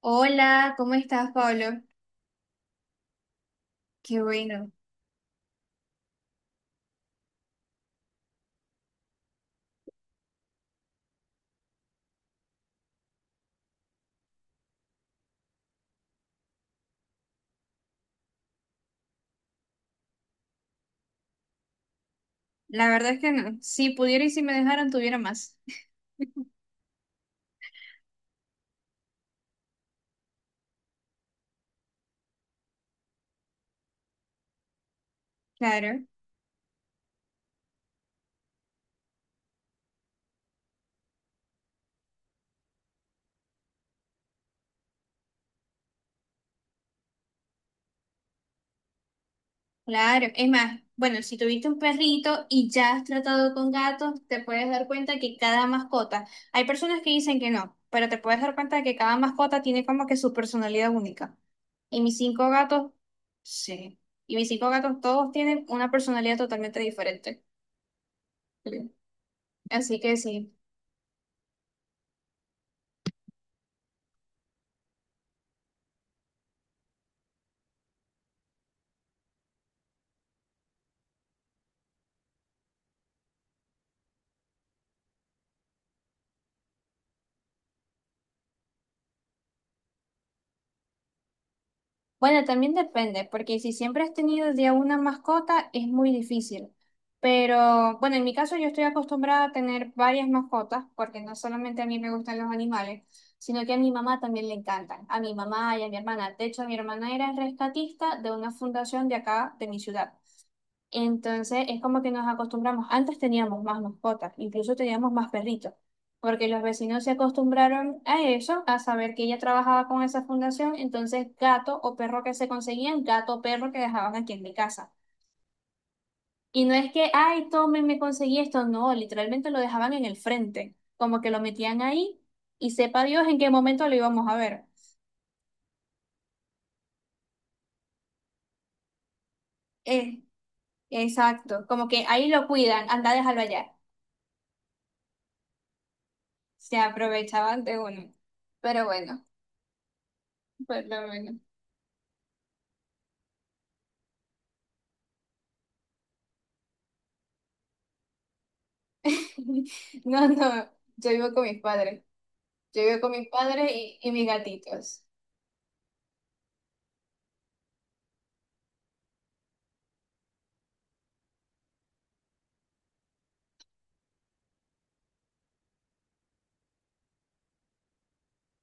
Hola, ¿cómo estás, Pablo? Qué bueno. La verdad es que no. Si pudiera y si me dejaran, tuviera más. Claro, claro. Es más, bueno, si tuviste un perrito y ya has tratado con gatos, te puedes dar cuenta que cada mascota, hay personas que dicen que no, pero te puedes dar cuenta de que cada mascota tiene como que su personalidad única. Y mis cinco gatos, sí. Y mis cinco gatos todos tienen una personalidad totalmente diferente. Sí. Así que sí. Bueno, también depende, porque si siempre has tenido de a una mascota es muy difícil. Pero bueno, en mi caso yo estoy acostumbrada a tener varias mascotas, porque no solamente a mí me gustan los animales, sino que a mi mamá también le encantan, a mi mamá y a mi hermana. De hecho, mi hermana era rescatista de una fundación de acá, de mi ciudad. Entonces es como que nos acostumbramos. Antes teníamos más mascotas, incluso teníamos más perritos, porque los vecinos se acostumbraron a eso, a saber que ella trabajaba con esa fundación, entonces gato o perro que se conseguían, gato o perro que dejaban aquí en mi casa. Y no es que, ay, tomen, me conseguí esto, no, literalmente lo dejaban en el frente, como que lo metían ahí y sepa Dios en qué momento lo íbamos a ver. Eh, exacto, como que ahí lo cuidan, anda, déjalo allá. Se aprovechaban de uno. Pero bueno. Por lo menos. No, no, yo vivo con mis padres. Yo vivo con mis padres y mis gatitos.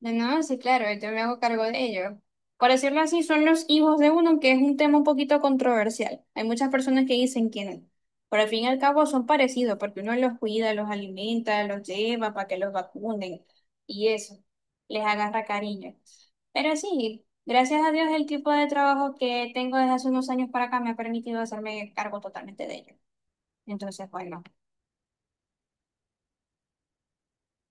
No, no, sí, claro, yo me hago cargo de ellos. Por decirlo así, son los hijos de uno, que es un tema un poquito controversial. Hay muchas personas que dicen que no. Pero al fin y al cabo son parecidos, porque uno los cuida, los alimenta, los lleva para que los vacunen y eso, les agarra cariño. Pero sí, gracias a Dios el tipo de trabajo que tengo desde hace unos años para acá me ha permitido hacerme cargo totalmente de ellos. Entonces, bueno,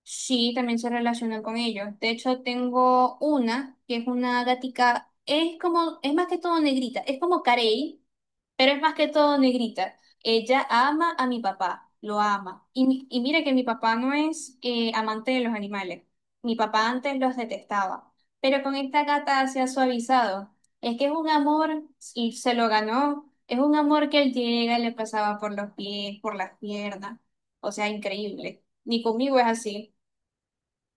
sí, también se relacionan con ellos. De hecho, tengo una que es una gatica, es como, es más que todo negrita, es como Carey, pero es más que todo negrita. Ella ama a mi papá, lo ama. Y mira que mi papá no es amante de los animales. Mi papá antes los detestaba, pero con esta gata se ha suavizado. Es que es un amor, y se lo ganó, es un amor que él llega, le pasaba por los pies, por las piernas. O sea, increíble. Ni conmigo es así.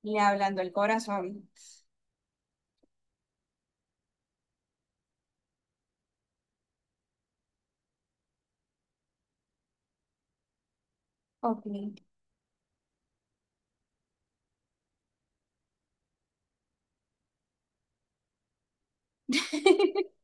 Le hablando el corazón. Ok.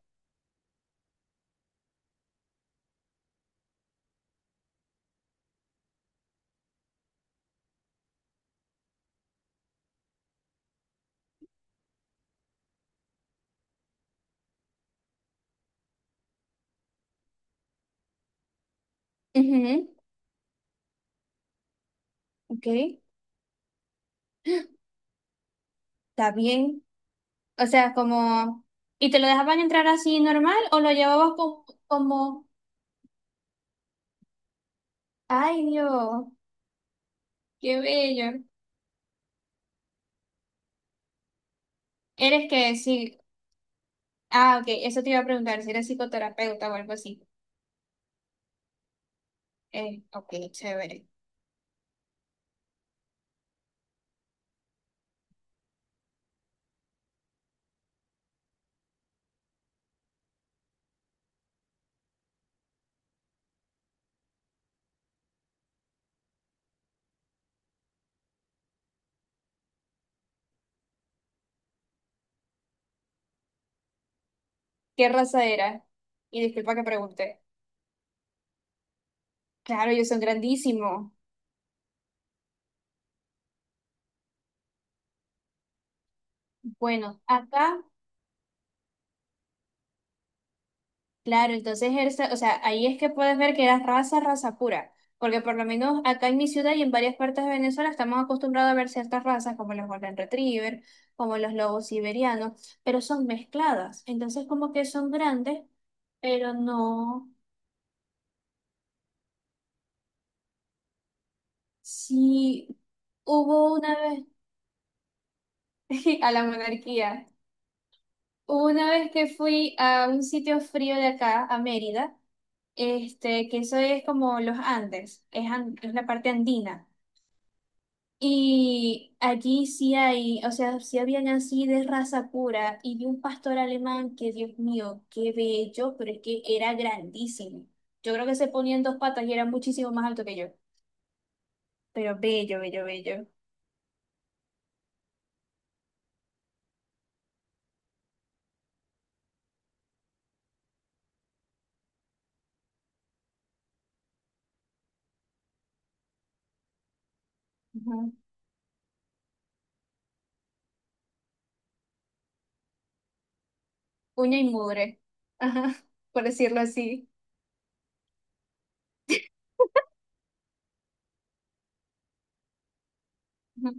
Ujú, ok. Está bien. O sea, como. ¿Y te lo dejaban entrar así normal o lo llevabas como, como... Ay, Dios, qué bello. Eres que sí. Ah, ok. Eso te iba a preguntar si eres psicoterapeuta o algo así. Ok, chévere. ¿Qué raza era? Y disculpa que pregunte. Claro, ellos son grandísimos. Bueno, acá. Claro, entonces, o sea, ahí es que puedes ver que era raza, raza pura, porque por lo menos acá en mi ciudad y en varias partes de Venezuela estamos acostumbrados a ver ciertas razas como los Golden Retriever, como los lobos siberianos, pero son mezcladas, entonces como que son grandes, pero no, sí, hubo una vez a la monarquía, hubo una vez que fui a un sitio frío de acá, a Mérida, este, que eso es como los Andes, es la parte andina. Y allí sí hay, o sea, sí habían así de raza pura y de un pastor alemán que, Dios mío, qué bello, pero es que era grandísimo. Yo creo que se ponía en dos patas y era muchísimo más alto que yo, pero bello, bello, bello. Ujú. Uña y mugre, ajá, por decirlo así. Ujú.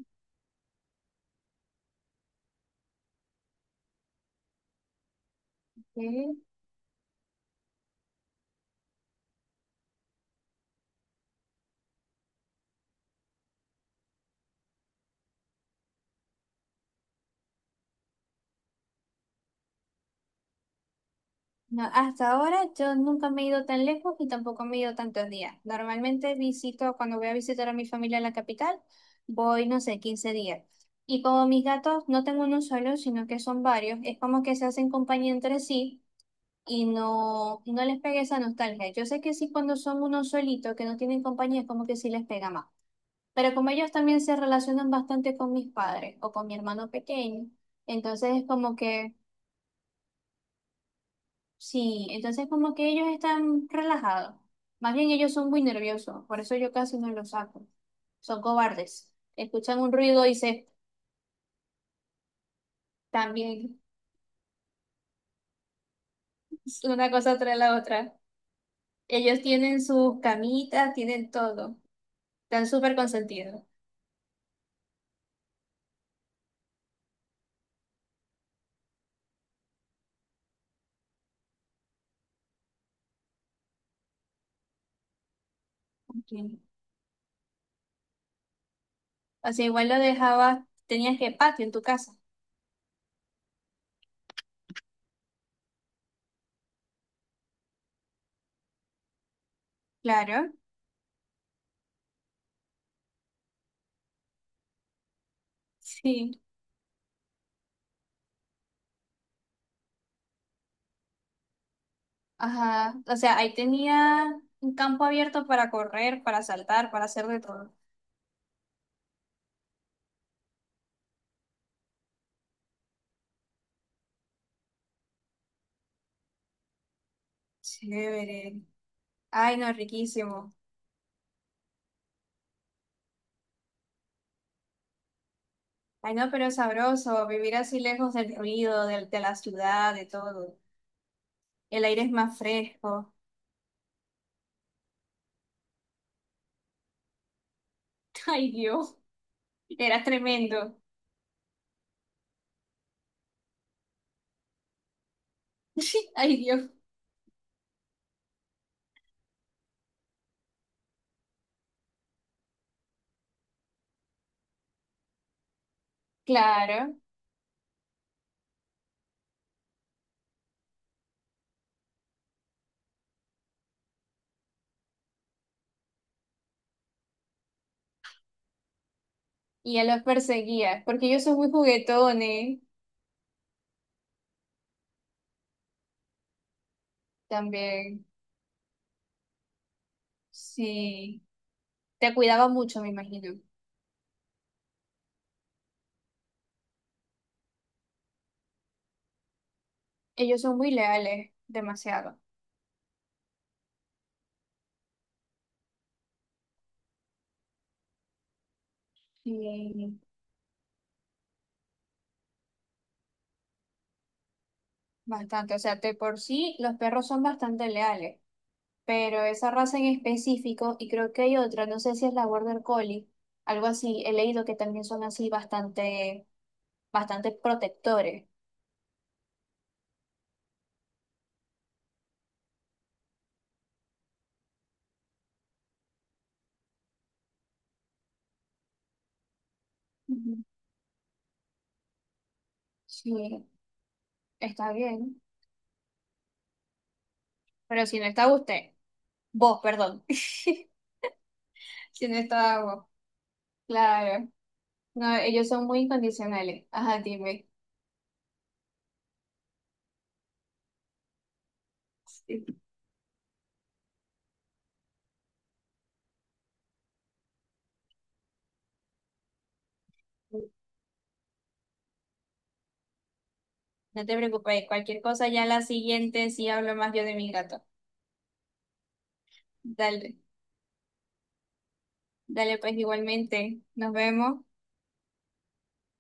Ok. No, hasta ahora yo nunca me he ido tan lejos y tampoco me he ido tantos días. Normalmente visito, cuando voy a visitar a mi familia en la capital, voy, no sé, 15 días. Y como mis gatos no tengo uno solo, sino que son varios, es como que se hacen compañía entre sí y no, no les pega esa nostalgia. Yo sé que sí cuando son uno solito, que no tienen compañía, es como que sí les pega más. Pero como ellos también se relacionan bastante con mis padres o con mi hermano pequeño, entonces es como que... Sí, entonces como que ellos están relajados. Más bien ellos son muy nerviosos, por eso yo casi no los saco. Son cobardes. Escuchan un ruido y se también una cosa tras la otra. Ellos tienen sus camitas, tienen todo. Están súper consentidos. Ok. O sea, igual lo dejabas, tenías que patio en tu casa. Claro. Sí. Ajá. O sea, ahí tenía un campo abierto para correr, para saltar, para hacer de todo. Chévere. Ay, no, riquísimo. Ay, no, pero es sabroso vivir así lejos del ruido, de, la ciudad, de todo. El aire es más fresco. Ay, Dios, era tremendo. Ay, Dios, claro. Y ya los perseguía, porque ellos son muy juguetones también. Sí, te cuidaba mucho, me imagino. Ellos son muy leales, demasiado. Sí, bastante. O sea, de por sí, los perros son bastante leales. Pero esa raza en específico, y creo que hay otra, no sé si es la Border Collie, algo así, he leído que también son así bastante, bastante protectores. Ujú. Sí, está bien. Pero si no está usted, vos, perdón. Si no está vos, claro. No, ellos son muy incondicionales. Ajá, dime. Sí. No te preocupes, cualquier cosa ya la siguiente sí hablo más yo de mi gato. Dale, dale pues igualmente. Nos vemos.